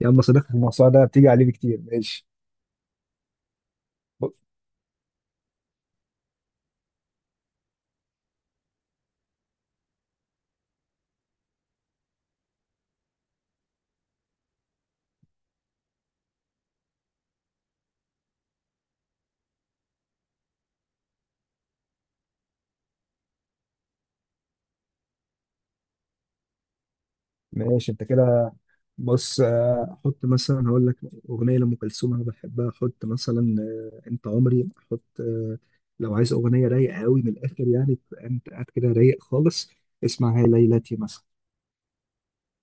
يا عم، صديقك الموسوعة ده بتيجي عليه بكتير، ماشي. ماشي انت كده. بص، احط مثلا هقول لك اغنيه لام كلثوم انا بحبها احط مثلا. انت عمري احط. لو عايز اغنيه رايقه قوي من الاخر، يعني تبقى انت قاعد كده رايق خالص. اسمع، هي ليلتي مثلا.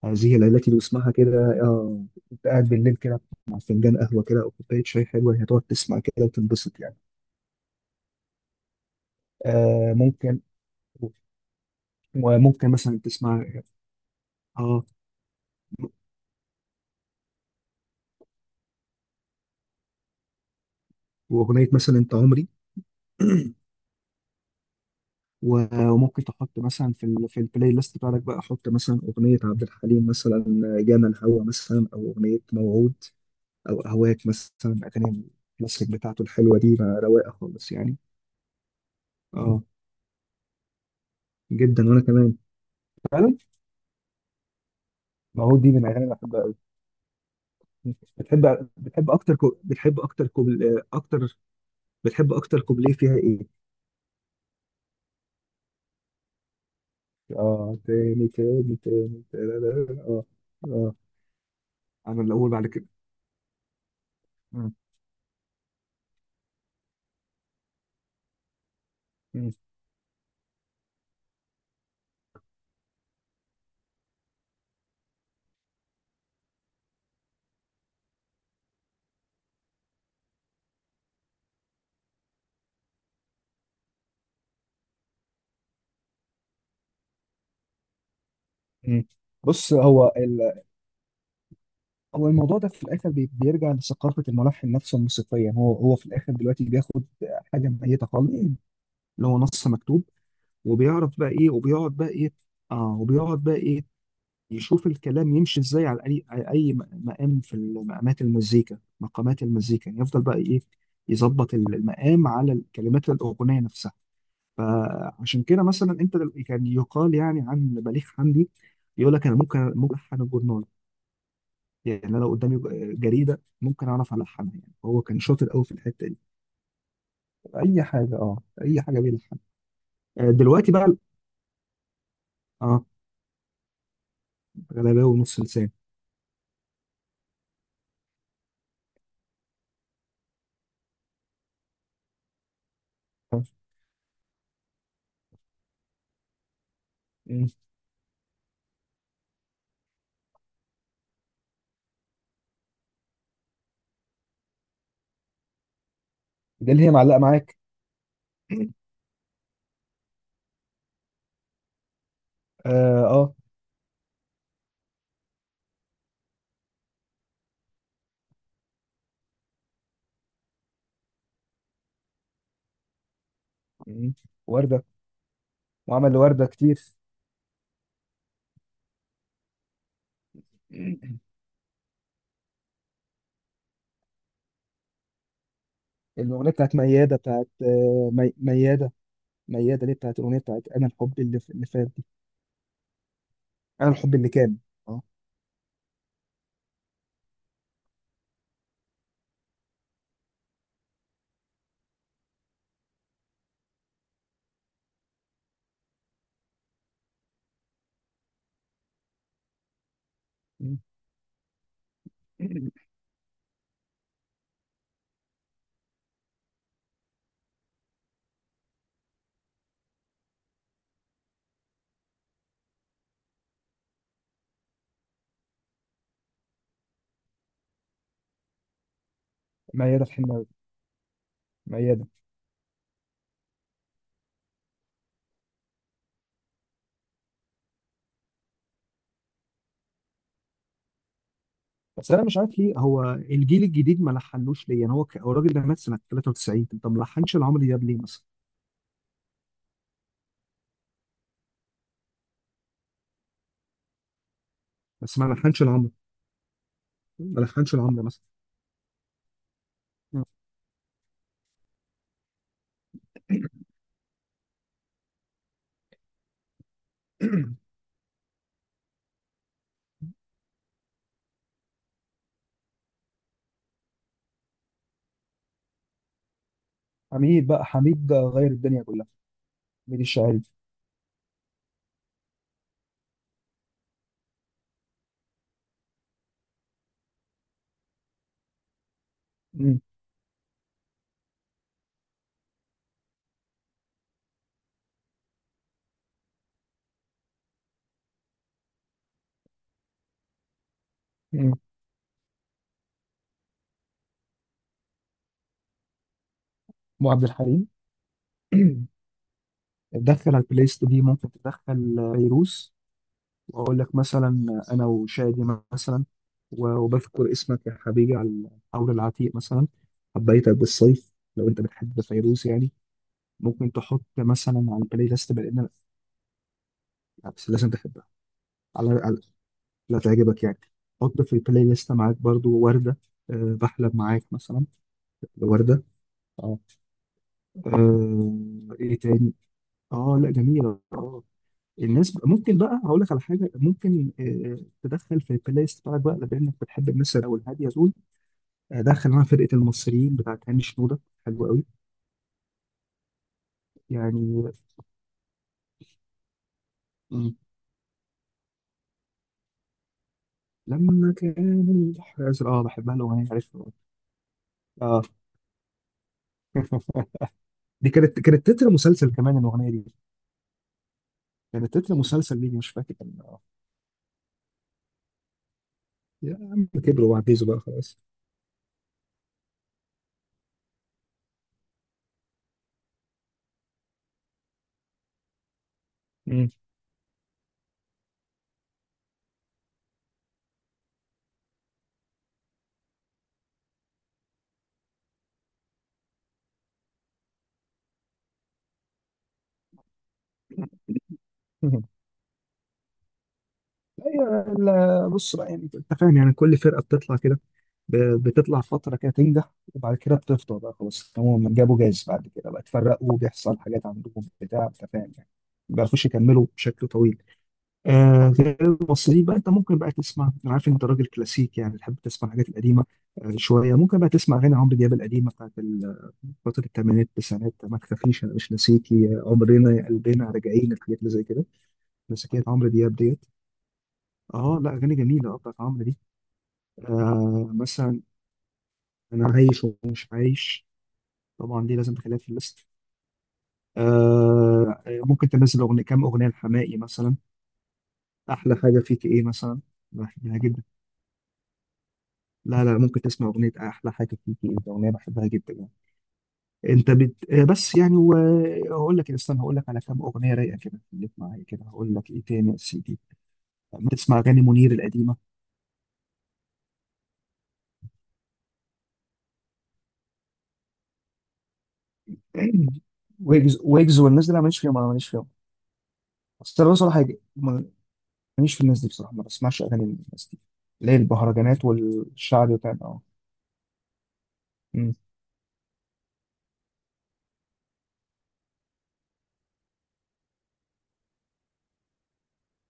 هذه ليلتي بسمعها كده، اه. انت قاعد بالليل كده، مع فنجان قهوه كده او كوبايه شاي حلوه، هتقعد تسمع كده وتنبسط يعني. آه، ممكن. وممكن مثلا تسمع. اه. واغنيه مثلا انت عمري. و- وممكن تحط مثلا في البلاي ليست بتاعتك بقى، حط مثلا أغنية عبد الحليم مثلا. جانا الهوى مثلا، أو أغنية موعود، أو أهواك مثلا، الأغاني الكلاسيك بتاعته الحلوة دي بقى رواقة خالص يعني. اه، جدا وأنا كمان. فعلا. موعود دي من الأغاني اللي بحبها أوي. بتحب أكتر كوبل... أكتر. بتحب أكتر كوبليه فيها إيه؟ اه، تاني تاني تاني تاني، اه. اه، أنا الأول بعد كده. مم. مم. مم. بص، هو الموضوع ده في الاخر بيرجع لثقافه الملحن نفسه الموسيقيه. هو في الاخر دلوقتي بياخد حاجه ميته خالص، اللي هو نص مكتوب. وبيعرف بقى ايه وبيقعد بقى ايه. اه، وبيقعد بقى ايه. يشوف الكلام يمشي ازاي على اي مقام في مقامات المزيكا، مقامات المزيكا يعني يفضل بقى ايه. يظبط المقام على كلمات الاغنيه نفسها. فعشان كده مثلا انت كان يقال يعني عن بليغ حمدي. يقول لك انا ممكن الحن. يعني انا لو قدامي جريده ممكن اعرف الحنها، يعني هو كان شاطر قوي في الحته دي. اي حاجه، اه، اي حاجه بيلحن. دلوقتي بقى. اه، غلباوي نص لسان. آه، مم. ده اللي هي معلقه معاك. اه، اه. مم. ورده. وعمل لورده كتير. مم. الاغنيه بتاعت مياده بتاعت، مياده. مياده ليه، بتاعت الاغنيه بتاعت انا الحب اللي فات دي. انا الحب اللي كان. اه. مم. مياده الحناوي. مياده. بس انا مش عارف ليه هو الجيل الجديد ما لحنوش ليه، يعني هو هو الراجل ده مات سنه 93. طب ما لحنش العمر دياب ليه مثلا؟ بس ما لحنش العمر. ما لحنش العمر مثلا. مم. حميد بقى، حميد غير الدنيا كلها. حميد الشاعري. مم. مم. وعبد الحليم. تدخل على البلاي ست دي، ممكن تدخل فيروز. واقول لك مثلا. انا وشادي. مثلا. و- وبذكر اسمك يا حبيبي على. حول العتيق مثلا. حبيتك بالصيف. لو انت بتحب فيروز يعني. ممكن تحط مثلا على البلاي ليست بقينا. بس لازم تحبها. على على- لا، تعجبك يعني. حط في البلاي ليست معاك برضو وردة. بحلم معاك مثلا. وردة. اه. ايه تاني؟ اه، لا جميلة، اه. ممكن بقى هقول لك على حاجة، ممكن تدخل في البلاي ليست بتاعك بقى، لأنك بتحب الناس أو الهادية دول. دخل معاها فرقة المصريين بتاعت هاني شنودة. حلوة قوي. يعني. مم. لما كان البحر أزرق، اه، بحبها لو هي عارفها. اه. دي كانت تتر مسلسل كمان الاغنيه دي. كانت تتر مسلسل ليجي، مش فاكر كان. يا عم كبروا وعجزوا بقى خلاص. مم. لا، بص بقى، يعني انت فاهم، يعني كل فرقه بتطلع كده. بتطلع فتره كده تنجح، وبعد كده بتفضل بقى خلاص. هم جابوا جاز بعد كده بقى اتفرقوا، بيحصل حاجات عندهم بتاع، انت فاهم يعني. ما بيعرفوش يكملوا بشكل طويل. غير المصريين بقى، انت ممكن بقى تسمع، انا عارف انت راجل كلاسيك يعني، بتحب تسمع الحاجات القديمه. شويه ممكن بقى تسمع اغاني عمرو دياب القديمه بتاعت فترة الثمانينات التسعينات. ما تخافيش، أنا مش ناسيكي، عمرنا يا قلبنا، راجعين الحاجات اللي زي كده. مسكية عمرو دياب ديت. اه، لا أغاني جميلة، اه، بتاعت عمرو دي. مثلا. أنا عايش ومش عايش. طبعا دي لازم تخليها في الليست. ممكن تنزل أغنية، كام أغنية لحماقي مثلا. أحلى حاجة فيك إيه مثلا. بحبها جدا. لا، لا، ممكن تسمع أغنية أحلى حاجة فيك إيه، دي أغنية بحبها جدا يعني. أنت بت... آه، بس يعني و- آه، هقول لك، استنى، هقول لك على كام أغنية رايقة كده، خليك معايا كده، هقول لك إيه تاني يا سيدي. بنسمع اغاني منير القديمه. ويجز، ويجز والناس دي، لا ماليش فيهم، انا ماليش فيهم. بس انا بصراحه حاجه ماليش في الناس دي بصراحه، ما بسمعش اغاني الناس دي. اللي هي البهرجانات والشعبي وكده، اه. مم.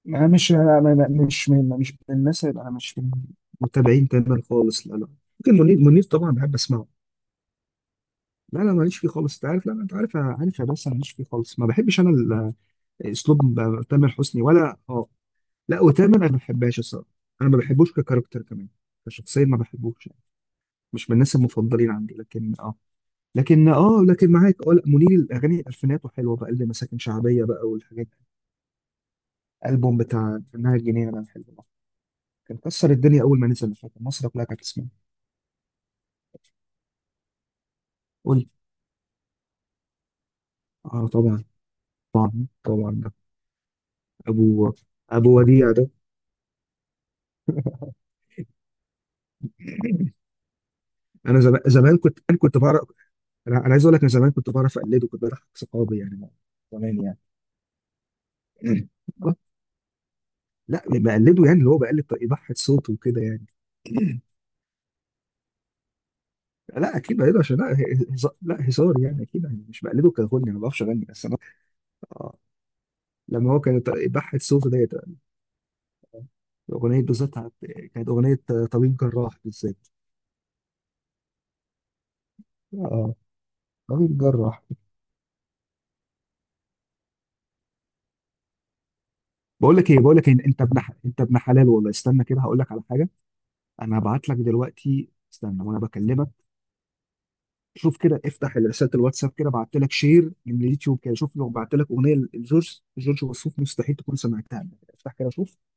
انا مش أنا مش من الناس اللي انا مش من متابعين تمام خالص. لا، لا. ممكن منير، منير طبعا بحب اسمعه. لا، لا، ماليش فيه خالص، انت عارف. لا، لا، انت عارف، عارف يا، بس أنا ماليش فيه خالص، ما بحبش انا اسلوب تامر حسني ولا، اه. لا، وتامر انا ما بحبهاش الصراحه. انا ما بحبوش ككاركتر كمان. كشخصيه ما بحبوش. مش من الناس المفضلين عندي لكن اه. لكن اه، لكن معاك، اه، لا منير الاغاني الالفينات وحلوه بقى، اللي مساكن شعبيه بقى والحاجات دي. الالبوم بتاع فنها الجنينه ده حلو أوي. كان كسر الدنيا اول ما نزل، فاكر مصر كلها كانت تسمعه. قول لي. اه، طبعا. طبعا طبعا، ده ابو ابو وديع ده. انا زمان زمان كنت، انا كنت بعرف. انا عايز اقول لك، انا زمان كنت بعرف اقلده، كنت بضحك صحابي يعني. زمان يعني. لا، بقلده يعني، اللي هو بقلد يضحك صوته وكده يعني. لا، اكيد بقلده عشان، لا. هزار، لا هزار يعني، اكيد يعني مش بقلده كغني، انا ما بعرفش اغني، بس انا آه. لما هو كان بحت صوته ديت. اغنيه بالذات كانت اغنيه طبيب جراح بالذات. اه، طبيب جراح. بقول لك ايه، بقول لك إيه، انت ابن حلال والله، استنى كده، هقول لك على حاجه. انا هبعت لك دلوقتي، استنى وانا بكلمك. شوف كده، افتح رساله الواتساب كده، بعت لك شير من اليوتيوب كده، شوف لو بعت لك اغنيه لجورج جورج وسوف مستحيل تكون سمعتها. افتح كده شوف